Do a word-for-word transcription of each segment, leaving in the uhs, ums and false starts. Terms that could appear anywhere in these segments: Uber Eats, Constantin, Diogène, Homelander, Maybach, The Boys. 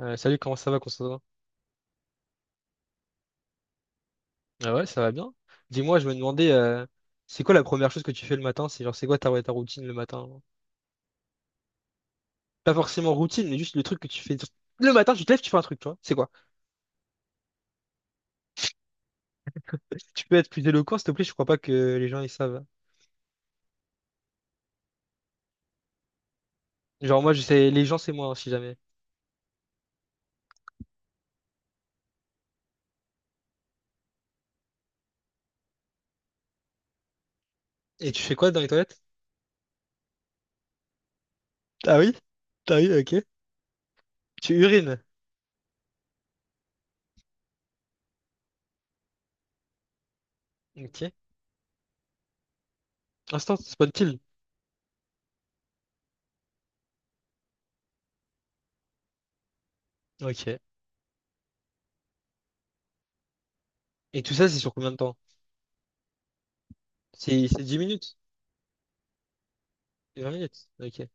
Euh, salut, comment ça va, Constantin? Ah ouais, ça va bien. Dis-moi, je me demandais, euh, c'est quoi la première chose que tu fais le matin? C'est genre, c'est quoi ta, ouais, ta routine le matin, genre? Pas forcément routine, mais juste le truc que tu fais. Le matin, tu te lèves, tu fais un truc, tu vois. C'est quoi? Tu peux être plus éloquent, s'il te plaît, je crois pas que les gens, ils savent. Genre, moi, je sais, les gens, c'est moi, hein, si jamais. Et tu fais quoi dans les toilettes? Ah oui? Ah oui, ok. Tu urines. Ok. Instant, spawn-kill. Ok. Et tout ça, c'est sur combien de temps? C'est c'est dix minutes? vingt minutes? Ok.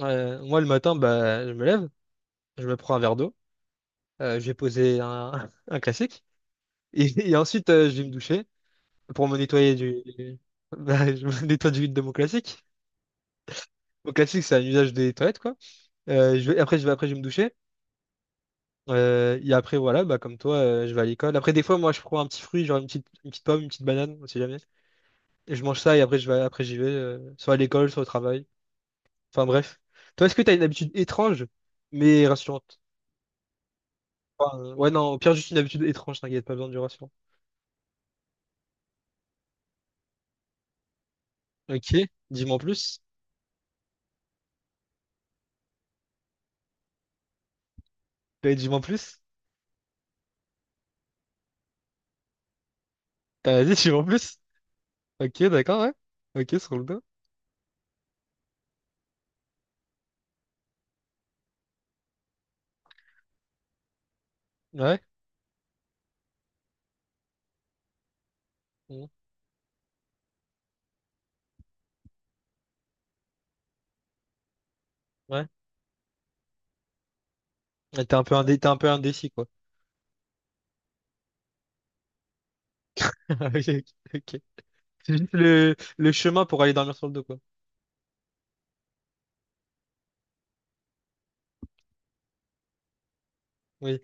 Euh, moi, le matin, bah, je me lève, je me prends un verre d'eau. Euh, je vais poser un, un classique. Et, et ensuite, euh, je vais me doucher pour me nettoyer du. Bah, je me nettoie du de mon classique. Mon classique, c'est un usage des toilettes, quoi. Euh, je vais- après, je vais, après, je vais me doucher. Euh, et après, voilà, bah, comme toi, euh, je vais à l'école. Après, des fois, moi, je prends un petit fruit, genre une petite, une petite pomme, une petite banane, on sait jamais. Et je mange ça et après, je vais, après, j'y vais, euh, soit à l'école, soit au travail. Enfin, bref. Toi, est-ce que tu as une habitude étrange, mais rassurante? Enfin, euh, ouais, non, au pire, juste une habitude étrange, t'inquiète, pas besoin du rassurant. Ok, dis-moi en plus. Ouais, dis-moi en plus. T'as la suis en plus? Ok, d'accord, ouais. Ok, sur le dos. Ouais. Mm. Ouais. Ouais, T'es un peu indé- t'es un peu indécis, quoi. Ok, ok. Ok. C'est juste le, le chemin pour aller dormir sur le dos, quoi. Oui.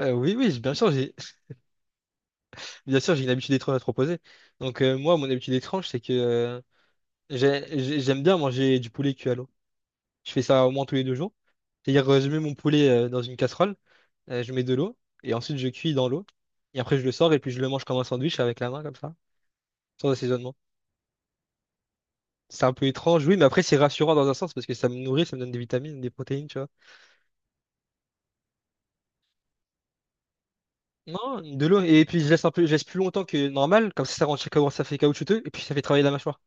Euh, oui, oui, j'ai- bien sûr, j'ai bien sûr, j'ai une habitude étrange à te proposer. Donc, euh, moi, mon habitude étrange, c'est que euh, j'ai- j'ai- j'aime bien manger du poulet cuit à l'eau. Je fais ça au moins tous les deux jours. C'est-à-dire, euh, je mets mon poulet euh, dans une casserole, euh, je mets de l'eau, et ensuite je cuis dans l'eau. Et après, je le sors et puis je le mange comme un sandwich avec la main, comme ça, sans assaisonnement. C'est un peu étrange, oui, mais après c'est rassurant dans un sens parce que ça me nourrit, ça me donne des vitamines, des protéines, tu vois. Non, de l'eau. Et puis je laisse un peu, je laisse plus longtemps que normal, comme ça ça rend comment ça fait caoutchouteux, et puis ça fait travailler la mâchoire.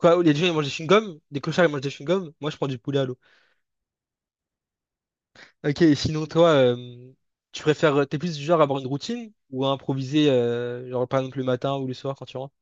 Quoi, les gens ils mangent des chewing-gums, des clochards ils mangent des chewing-gums, moi je prends du poulet à l'eau. Ok, et sinon toi, euh, tu préfères, euh, t'es plus du genre à avoir une routine ou à improviser, euh, genre par exemple le matin ou le soir quand tu rentres?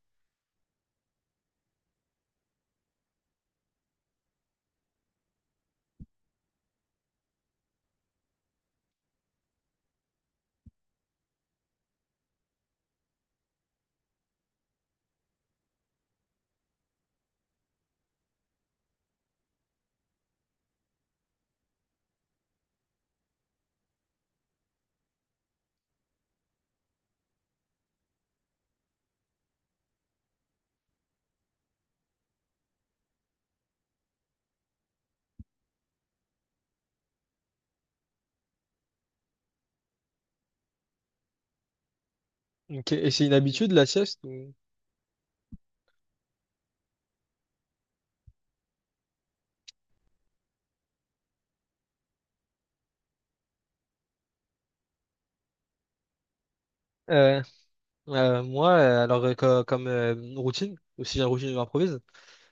Ok, et c'est une habitude la sieste ou- Euh, euh, moi, euh, alors euh, co- comme, euh, routine, aussi une routine improvise.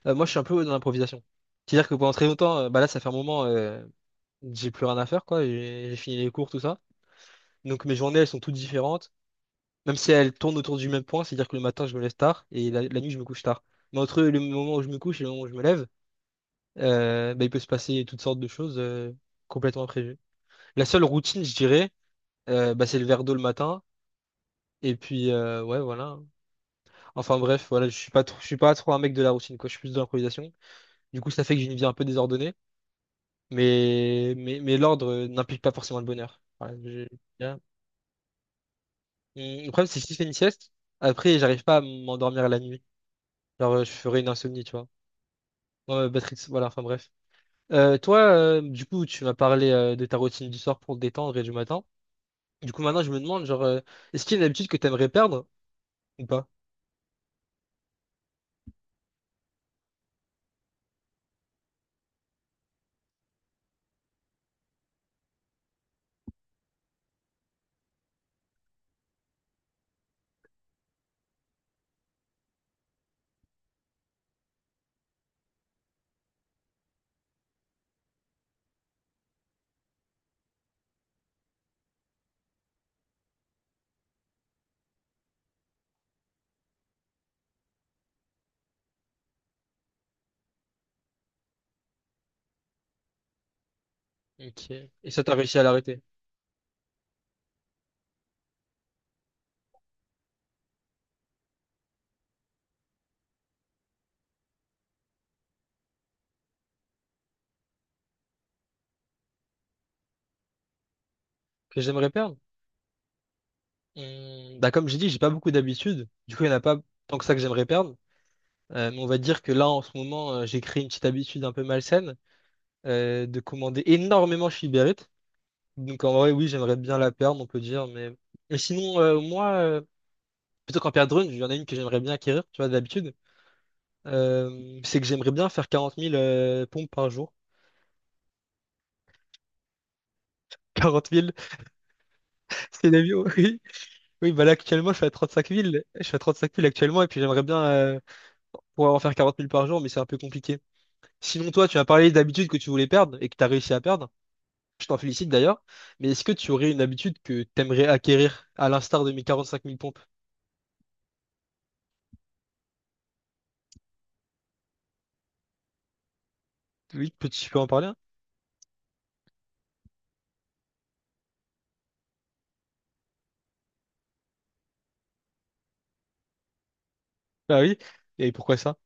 Euh, moi, je suis un peu dans l'improvisation. C'est-à-dire que pendant très longtemps, euh, bah là, ça fait un moment, euh, j'ai plus rien à faire, quoi. J'ai j'ai fini les cours, tout ça. Donc mes journées, elles sont toutes différentes. Même si elles tournent autour du même point, c'est-à-dire que le matin, je me lève tard et la, la nuit, je me couche tard. Mais entre le moment où je me couche et le moment où je me lève, euh, bah, il peut se passer toutes sortes de choses, euh, complètement imprévues. La seule routine, je dirais, euh, bah, c'est le verre d'eau le matin. Et puis, euh, ouais, voilà. Enfin bref, voilà, je suis pas trop, je suis pas trop un mec de la routine, quoi. Je suis plus de l'improvisation. Du coup, ça fait que j'ai une vie un peu désordonnée. Mais, mais, mais l'ordre, euh, n'implique pas forcément le bonheur. Voilà, je- Bien. Hum, Le problème, c'est que si je fais une sieste, après, j'arrive pas à m'endormir la nuit. Alors, euh, je ferai une insomnie, tu vois. Ouais, Patrick, voilà, enfin bref. Euh, toi, euh, du coup, tu m'as parlé, euh, de ta routine du soir pour te détendre et du matin. Du coup, maintenant, je me demande, genre, euh, est-ce qu'il y a une habitude que t'aimerais perdre ou pas? Ok. Et ça, t'as réussi à l'arrêter. Que j'aimerais perdre? Hum, bah comme j'ai dit, j'ai pas beaucoup d'habitudes. Du coup, il n'y en a pas tant que ça que j'aimerais perdre. Euh, mais on va dire que là, en ce moment, euh, j'ai créé une petite habitude un peu malsaine, euh, de commander énormément chez Uber Eats. Donc en vrai, oui, j'aimerais bien la perdre, on peut dire. Mais, mais sinon, euh, moi, euh, plutôt qu'en perdre une, il y en a une que j'aimerais bien acquérir, tu vois, d'habitude. Euh, c'est que j'aimerais bien faire quarante mille, euh, pompes par jour. quarante mille, c'est la vie, oui. Oui, bah là, actuellement, je fais à trente-cinq mille. Je fais à trente-cinq mille actuellement, et puis j'aimerais bien, euh, pouvoir en faire quarante mille par jour, mais c'est un peu compliqué. Sinon, toi, tu as parlé d'habitudes que tu voulais perdre et que tu as réussi à perdre. Je t'en félicite d'ailleurs. Mais est-ce que tu aurais une habitude que tu aimerais acquérir, à l'instar de mes quarante-cinq mille pompes? Oui, peux-tu peux en parler, hein? Ah oui. Et pourquoi ça?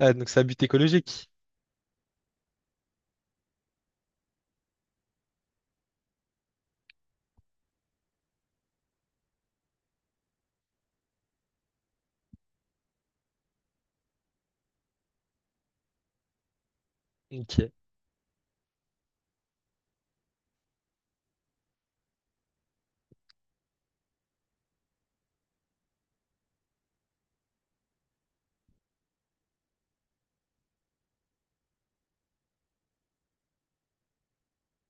Ah, donc c'est un but écologique. Ok.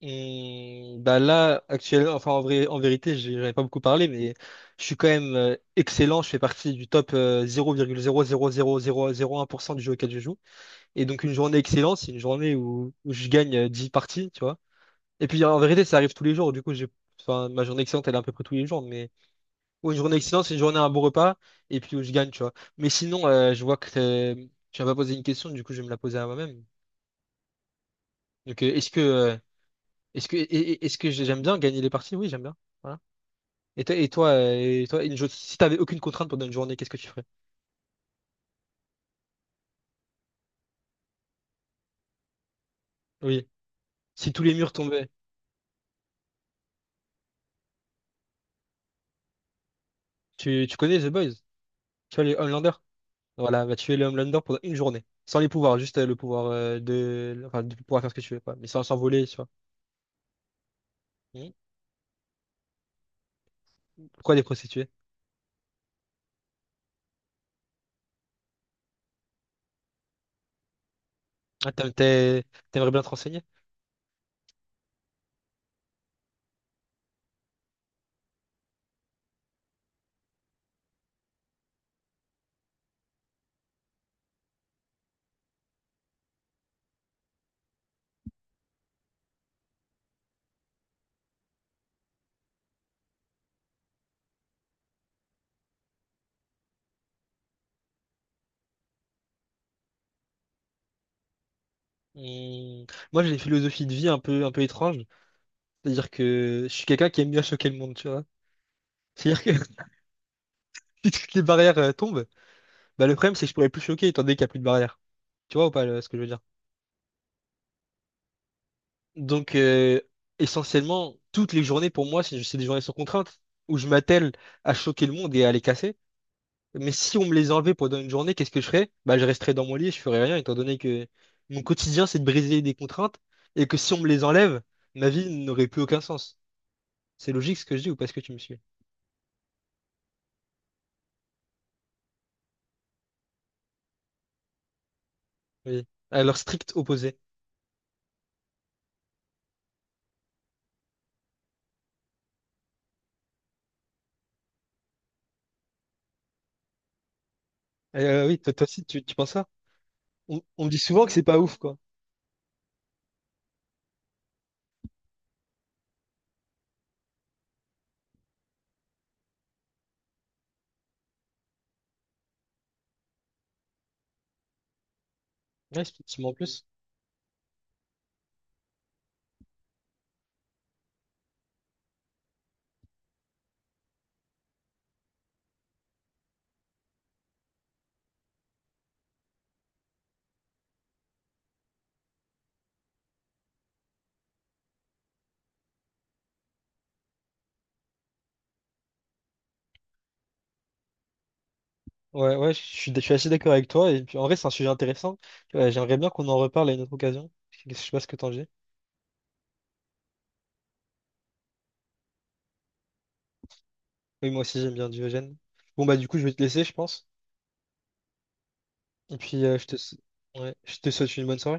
Hum, bah là, actuellement, enfin en vrai, en vérité, j'en ai pas beaucoup parlé, mais je suis quand même, euh, excellent. Je fais partie du top, euh, zéro virgule zéro zéro zéro zéro un pour cent du jeu auquel je joue. Et donc une journée excellente, c'est une journée où, où je gagne, euh, dix parties, tu vois. Et puis en vérité, ça arrive tous les jours. Du coup, j'ai enfin, ma journée excellente, elle est à peu près tous les jours. Mais ouais, une journée excellente, c'est une journée à un bon repas et puis où je gagne, tu vois. Mais sinon, euh, je vois que, euh, tu m'as pas posé une question, du coup, je vais me la poser à moi-même. Donc, euh, est-ce que, euh, est-ce que, et- et- est-ce que j'aime bien gagner les parties? Oui, j'aime bien. Voilà. Et toi, et toi, euh, et toi, une jo- si t'avais aucune contrainte pendant une journée, qu'est-ce que tu ferais? Oui. Si tous les murs tombaient, tu, tu connais The Boys? Tu vois les Homelanders? Voilà, va tuer les Homelanders pendant une journée. Sans les pouvoirs, juste euh, le pouvoir, euh, de, enfin, de pouvoir faire ce que tu veux, quoi. Mais sans s'envoler, tu vois. Hmm? Pourquoi des prostituées? Ah, t'aimes- t'es- t'aimerais bien te renseigner? Hmm, Moi, j'ai une philosophie de vie un peu, un peu étrange. C'est-à-dire que je suis quelqu'un qui aime bien choquer le monde, tu vois. C'est-à-dire que si toutes les barrières, euh, tombent, bah, le problème, c'est que je pourrais plus choquer étant donné qu'il n'y a plus de barrières. Tu vois ou pas le- ce que je veux dire? Donc, euh, essentiellement, toutes les journées, pour moi, c'est c'est des journées sans contrainte où je m'attelle à choquer le monde et à les casser. Mais si on me les enlevait pendant une journée, qu'est-ce que je ferais? Bah, je resterais dans mon lit, je ferais rien, étant donné que mon quotidien, c'est de briser des contraintes et que si on me les enlève, ma vie n'aurait plus aucun sens. C'est logique ce que je dis ou pas, ce que tu me suis? Oui. À leur strict opposé. Euh, oui, toi, toi aussi, tu, tu penses ça? On, on me dit souvent que c'est pas ouf, quoi. Ouais, effectivement, en plus. Ouais, ouais, je suis, je suis assez d'accord avec toi. Et puis, en vrai, c'est un sujet intéressant. Ouais, j'aimerais bien qu'on en reparle à une autre occasion. Je sais pas ce que t'en dis. Oui, moi aussi, j'aime bien Diogène. Bon, bah, du coup, je vais te laisser, je pense. Et puis, euh, je te... s- ouais, je te souhaite une bonne soirée.